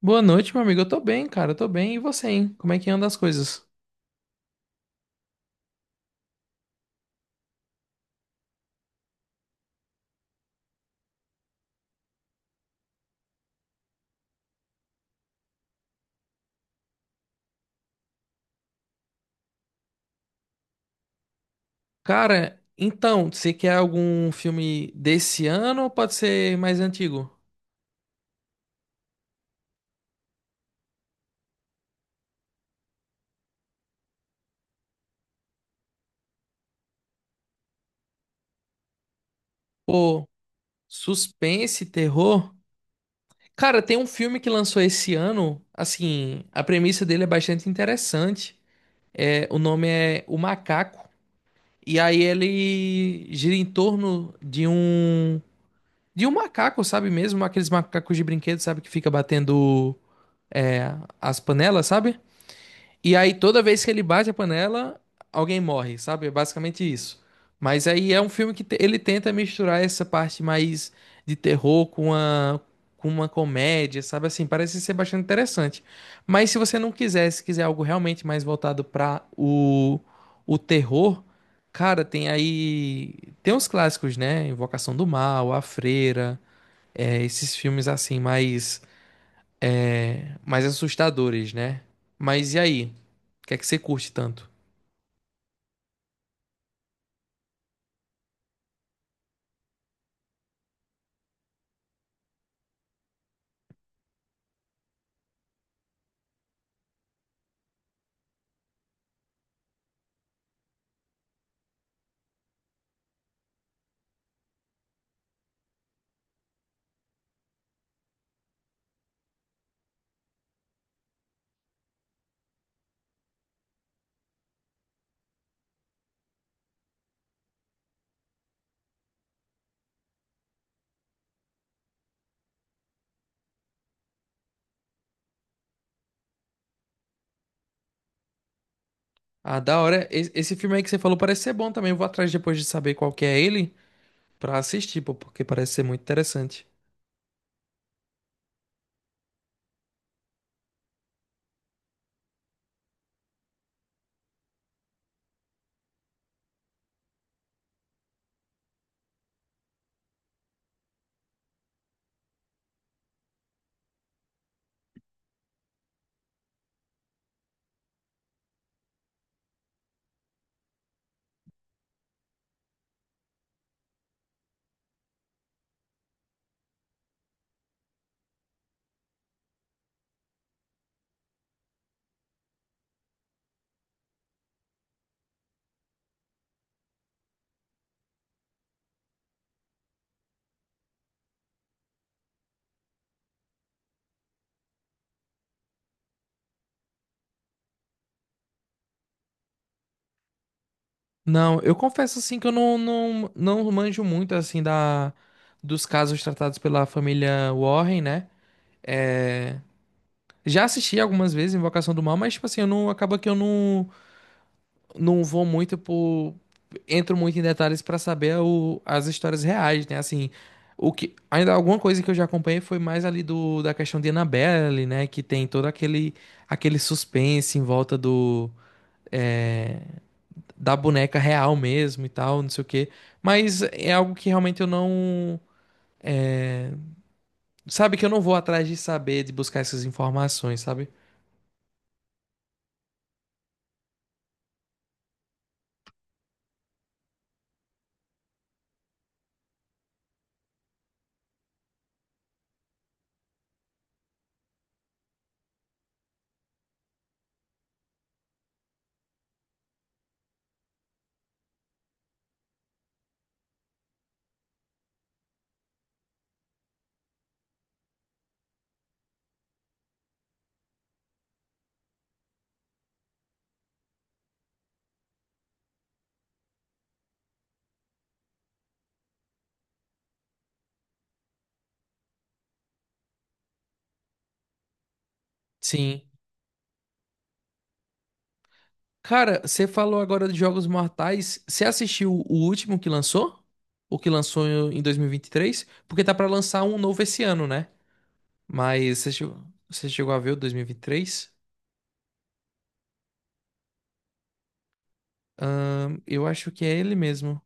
Boa noite, meu amigo. Eu tô bem, cara. Eu tô bem. E você, hein? Como é que anda as coisas? Cara, então, você quer algum filme desse ano ou pode ser mais antigo? Pô, suspense, terror? Cara, tem um filme que lançou esse ano. Assim, a premissa dele é bastante interessante. O nome é O Macaco. E aí ele gira em torno de um. De um macaco, sabe mesmo? Aqueles macacos de brinquedo, sabe? Que fica batendo é, as panelas, sabe? E aí, toda vez que ele bate a panela, alguém morre, sabe? É basicamente isso. Mas aí é um filme que ele tenta misturar essa parte mais de terror com uma comédia, sabe? Assim, parece ser bastante interessante. Mas se você não quiser, se quiser algo realmente mais voltado para o terror, cara, tem aí. Tem uns clássicos, né? Invocação do Mal, A Freira, esses filmes assim, mais mais assustadores, né? Mas e aí? O que é que você curte tanto? Ah, da hora. Esse filme aí que você falou parece ser bom também. Eu vou atrás depois de saber qual que é ele pra assistir, pô, porque parece ser muito interessante. Não, eu confesso assim que eu não manjo muito assim da dos casos tratados pela família Warren, né? Já assisti algumas vezes Invocação do Mal, mas tipo assim, eu não acaba que eu não vou muito por. Entro muito em detalhes pra saber as histórias reais, né? Assim, o que. Ainda alguma coisa que eu já acompanhei foi mais ali da questão de Annabelle, né? Que tem todo aquele suspense em volta do. é, da boneca real mesmo e tal, não sei o quê. Mas é algo que realmente eu não. é, sabe que eu não vou atrás de saber, de buscar essas informações, sabe? Sim. Cara, você falou agora de Jogos Mortais. Você assistiu o último que lançou? O que lançou em dois mil e vinte e três? Porque tá pra lançar um novo esse ano, né? Mas você chegou a ver o dois mil e vinte e três? Eu acho que é ele mesmo.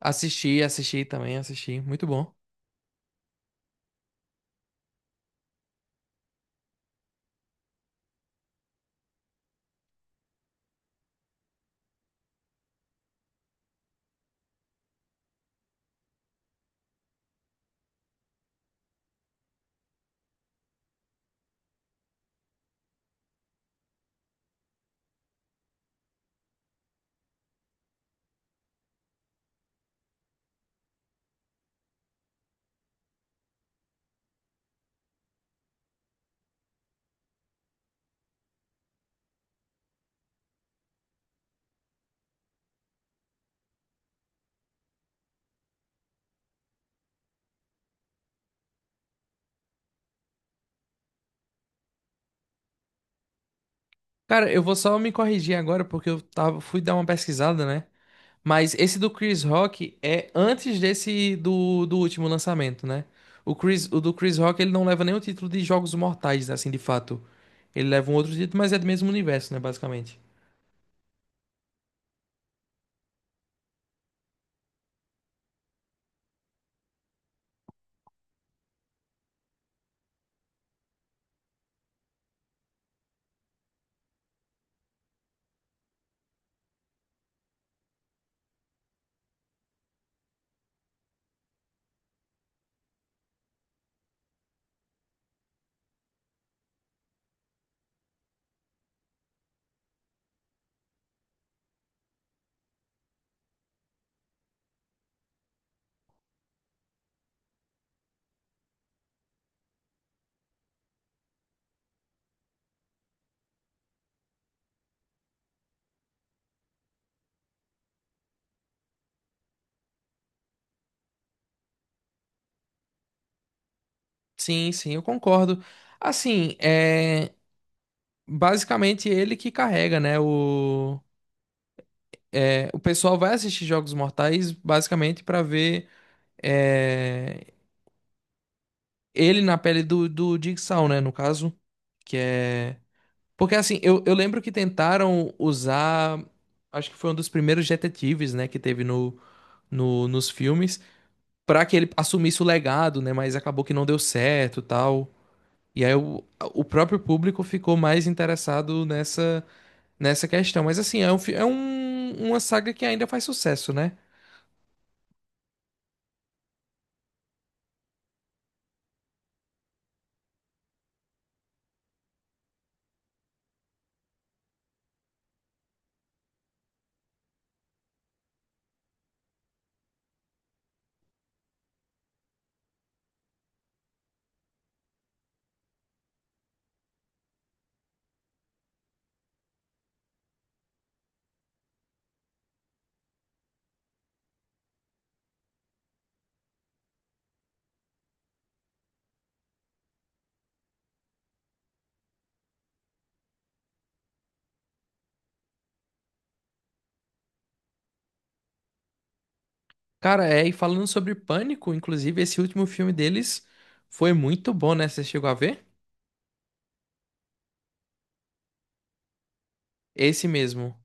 Assisti. Muito bom. Cara, eu vou só me corrigir agora porque eu tava, fui dar uma pesquisada, né? Mas esse do Chris Rock é antes desse do último lançamento, né? O Chris, o do Chris Rock ele não leva nem o título de Jogos Mortais, assim, de fato. Ele leva um outro título, mas é do mesmo universo, né, basicamente. Sim, sim, eu concordo. Assim, é basicamente ele que carrega, né? O, o pessoal vai assistir Jogos Mortais basicamente pra ver é, ele na pele do Jigsaw, né? No caso, que é Porque assim, eu lembro que tentaram usar. Acho que foi um dos primeiros detetives, né, que teve no, no, nos filmes, pra que ele assumisse o legado, né, mas acabou que não deu certo, tal. E aí o próprio público ficou mais interessado nessa questão. Mas assim, é, um, uma saga que ainda faz sucesso, né? Cara, é, e falando sobre Pânico, inclusive, esse último filme deles foi muito bom, né? Você chegou a ver? Esse mesmo.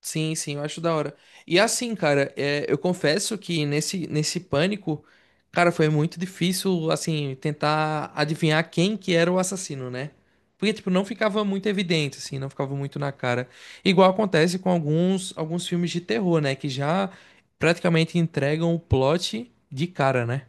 Sim, sim, eu acho da hora. E assim, cara, é, eu confesso que nesse pânico, cara, foi muito difícil, assim, tentar adivinhar quem que era o assassino, né? Porque, tipo, não ficava muito evidente, assim, não ficava muito na cara. Igual acontece com alguns filmes de terror, né? Que já praticamente entregam o plot de cara, né?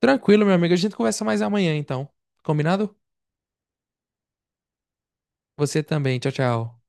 Tranquilo, meu amigo, a gente conversa mais amanhã, então. Combinado? Você também, tchau, tchau.